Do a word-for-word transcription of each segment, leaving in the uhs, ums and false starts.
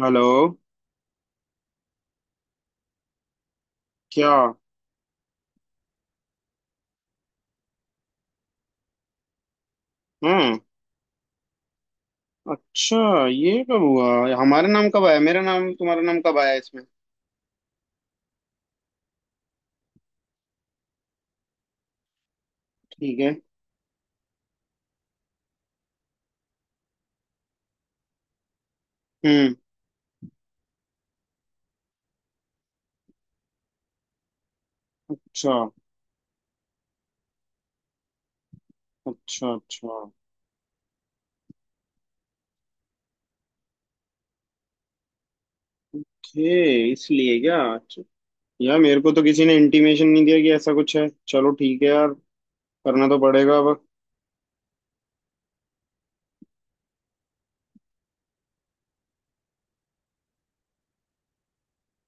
Hello. क्या? हम्म। अच्छा, ये कब हुआ? हमारा नाम कब आया, मेरा नाम तुम्हारा नाम कब आया इसमें? ठीक है। हम्म। अच्छा, अच्छा, अच्छा। ओके, इसलिए क्या? अच्छा। यार, मेरे को तो किसी ने इंटीमेशन नहीं दिया कि ऐसा कुछ है। चलो ठीक है यार, करना तो पड़ेगा अब।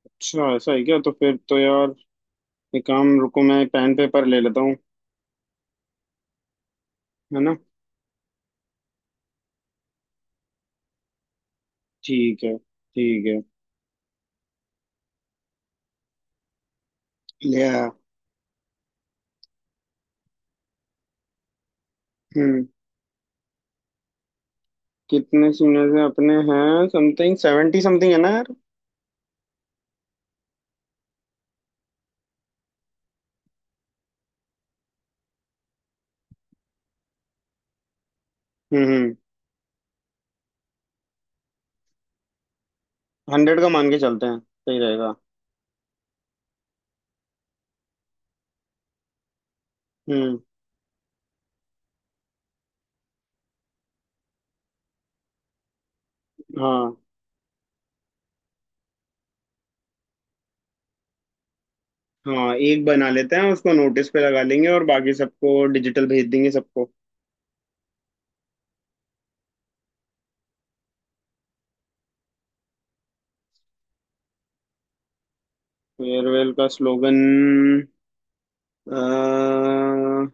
अच्छा ऐसा है क्या? तो फिर तो यार एक काम, रुको मैं पेन पेपर ले लेता हूँ। है ना। ठीक है ठीक है। ले आया। हम्म। कितने सीनियर से अपने हैं? समथिंग सेवेंटी समथिंग, है ना यार? हम्म हम्म। हंड्रेड का मान के चलते हैं, सही रहेगा। हम्म। हाँ। हाँ एक बना लेते हैं, उसको नोटिस पे लगा लेंगे और बाकी सबको डिजिटल भेज देंगे सबको। फेयरवेल का स्लोगन। दु,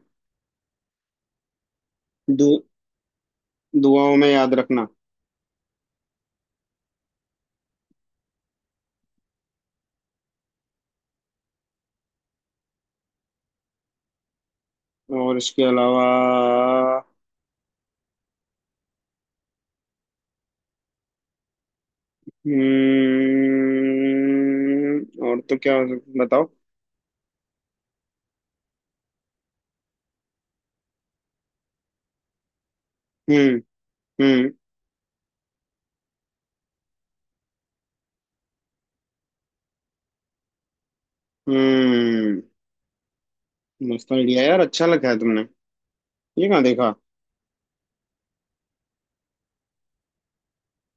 दुआओं में याद रखना। और इसके अलावा। हम्म, और तो क्या हो सक- बताओ। हम्म हम्म हम्म। मस्त आइडिया यार, अच्छा लगा है तुमने। ये कहाँ देखा?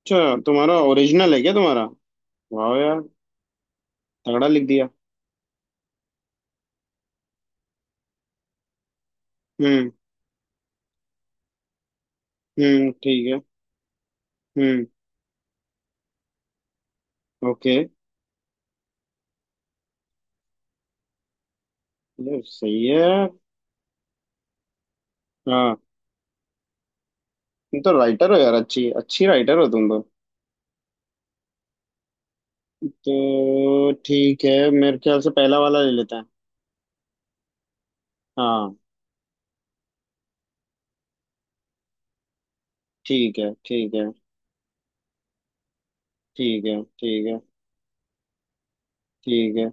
अच्छा तुम्हारा ओरिजिनल है क्या तुम्हारा? वाह यार, तगड़ा लिख दिया। हम्म हम्म। ठीक है। हम्म। ओके। यार सही है यार। हाँ। तुम तो राइटर हो यार, अच्छी अच्छी राइटर हो तुम तो। तो ठीक है, मेरे ख्याल से पहला वाला ले लेते हैं। हाँ। ठीक है ठीक है। ठीक है ठीक है। ठीक है।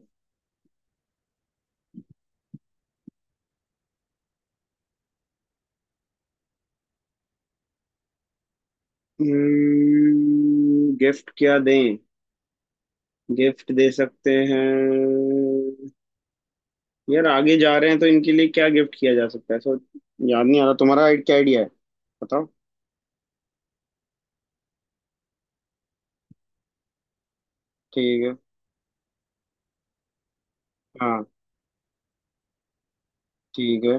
हम्म, गिफ्ट क्या दें? गिफ्ट दे सकते हैं। यार आगे जा रहे हैं तो इनके लिए क्या गिफ्ट किया जा सकता है, सो याद नहीं आ रहा। तुम्हारा क्या आइडिया है, बताओ। ठीक है। हाँ। ठीक है।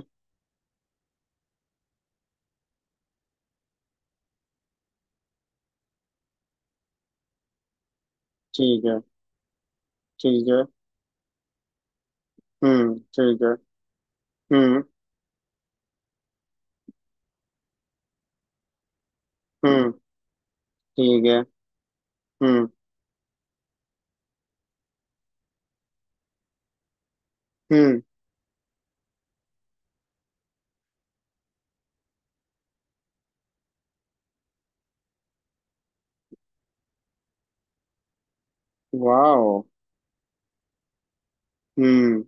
ठीक है। ठीक है। हम्म। ठीक है। हम्म हम्म। ठीक है। हम्म। हम्म। वाओ। हम्म।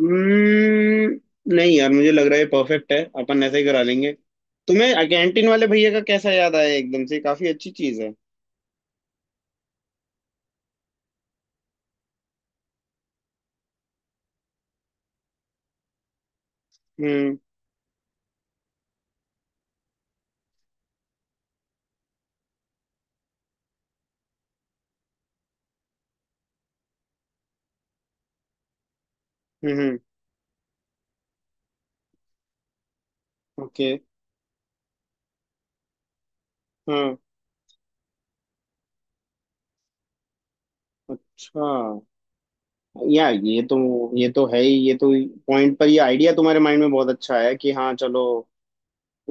हम्म, नहीं यार मुझे लग रहा है ये परफेक्ट है, अपन ऐसा ही करा लेंगे। तुम्हें कैंटीन वाले भैया का कैसा याद आया एकदम से? काफी अच्छी चीज है। हम्म हम्म। ओके। हाँ। अच्छा। यार ये तो, ये तो है ही, ये तो पॉइंट पर, ये आइडिया तुम्हारे माइंड में बहुत अच्छा है कि हाँ चलो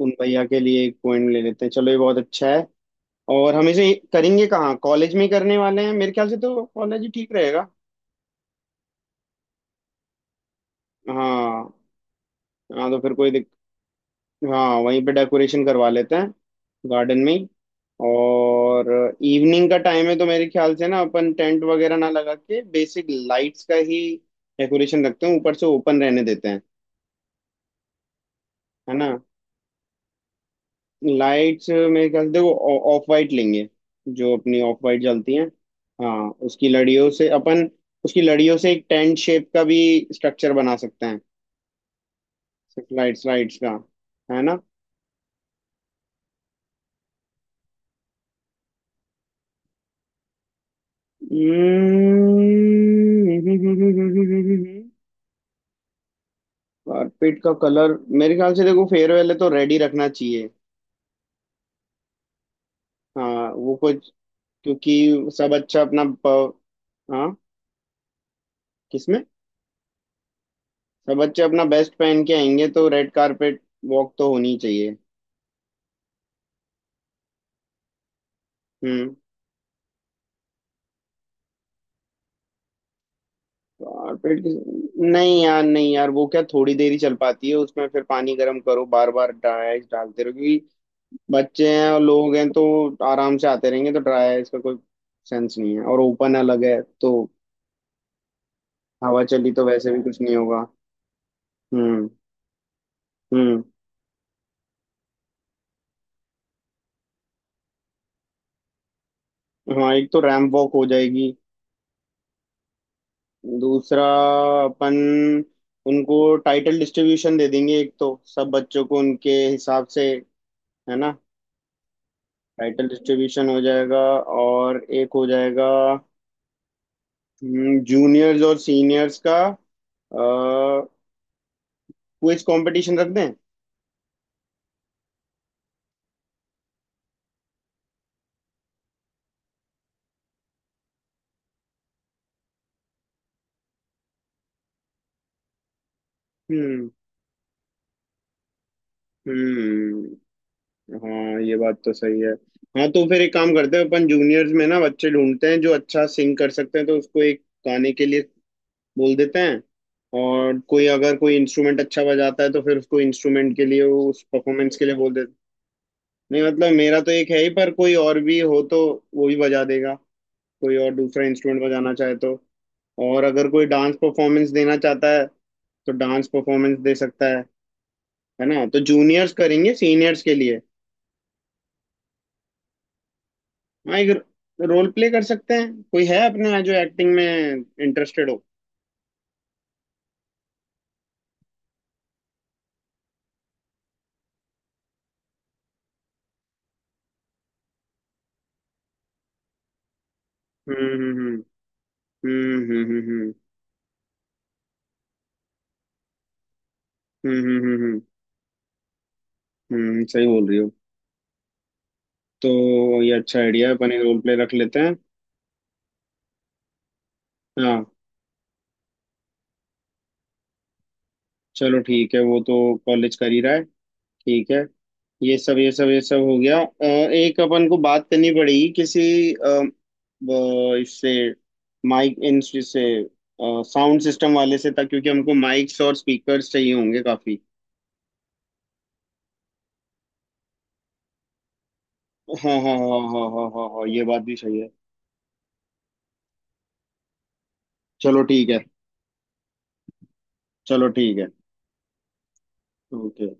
उन भैया के लिए एक पॉइंट ले लेते हैं। चलो ये बहुत अच्छा है। और हम इसे करेंगे कहाँ? कॉलेज में ही करने वाले हैं मेरे ख्याल से, तो कॉलेज ही ठीक रहेगा। हाँ। हाँ तो फिर कोई दिक... हाँ वहीं पे डेकोरेशन करवा लेते हैं, गार्डन में ही। और इवनिंग का टाइम है तो मेरे ख्याल से ना अपन टेंट वगैरह ना लगा के बेसिक लाइट्स का ही डेकोरेशन रखते हैं, ऊपर से ओपन रहने देते हैं। है ना। लाइट्स मेरे ख्याल से देखो ऑफ वाइट लेंगे, जो अपनी ऑफ वाइट जलती हैं। हाँ उसकी लड़ियों से अपन, उसकी लड़ियों से एक टेंट शेप का भी स्ट्रक्चर बना सकते हैं। सेटेलाइट्स राइट्स का। है ना। हम्म, कारपेट का कलर मेरे ख्याल से देखो, फेयरवेल है तो रेड ही रखना चाहिए। हाँ वो कुछ। क्योंकि सब अच्छा अपना प- हाँ। किसमें? सब बच्चे अपना बेस्ट पहन के आएंगे, तो रेड कारपेट वॉक तो होनी चाहिए। हम्म। कारपेट। नहीं यार, नहीं यार, वो क्या थोड़ी देर ही चल पाती है? उसमें फिर पानी गर्म करो, बार बार डाइस डालते रहो, क्योंकि बच्चे हैं और लोग हैं, तो आराम से आते रहेंगे। तो ड्राई है, इसका कोई सेंस नहीं है। और ओपन अलग है, तो हवा चली तो वैसे भी कुछ नहीं होगा। हम्म। हम्म। हाँ एक तो रैंप वॉक हो जाएगी। दूसरा, अपन उनको टाइटल डिस्ट्रीब्यूशन दे देंगे, एक तो सब बच्चों को उनके हिसाब से। है ना। टाइटल डिस्ट्रीब्यूशन हो जाएगा। और एक हो जाएगा जूनियर्स और सीनियर्स का, क्विज कंपटीशन रख दें। हम्म हम्म। हाँ ये बात तो सही है। हाँ तो फिर एक काम करते हैं, अपन जूनियर्स में ना बच्चे ढूंढते हैं जो अच्छा सिंग कर सकते हैं, तो उसको एक गाने के लिए बोल देते हैं। और कोई अगर कोई इंस्ट्रूमेंट अच्छा बजाता है तो फिर उसको इंस्ट्रूमेंट के लिए, उस परफॉर्मेंस के लिए बोल देते। नहीं मतलब मेरा तो एक है ही, पर कोई और भी हो तो वो भी बजा देगा, कोई और दूसरा इंस्ट्रूमेंट बजाना चाहे तो। और अगर कोई डांस परफॉर्मेंस देना चाहता है तो डांस परफॉर्मेंस दे सकता है। है ना? तो जूनियर्स करेंगे सीनियर्स के लिए। हाँ एक रोल प्ले कर सकते हैं, कोई है अपने यहाँ जो एक्टिंग में इंटरेस्टेड हो। हम्म हम्म हम्म हम्म। हम्म हम्म हम्म हम्म। हम्म, हम्म, सही बोल रही हो। तो ये अच्छा आइडिया है, अपन एक रोल प्ले रख लेते हैं। हाँ चलो ठीक है वो तो, कॉलेज कर ही रहा है। ठीक है। ये सब ये सब ये सब हो गया। अ, एक अपन को बात करनी पड़ेगी किसी अ, वो इससे, माइक इन से, साउंड सिस्टम वाले से था, क्योंकि हमको माइक्स और स्पीकर्स चाहिए होंगे काफी। हाँ हाँ हाँ। हाँ हाँ हाँ हाँ ये बात भी सही है। चलो ठीक है। चलो ठीक है। ओके।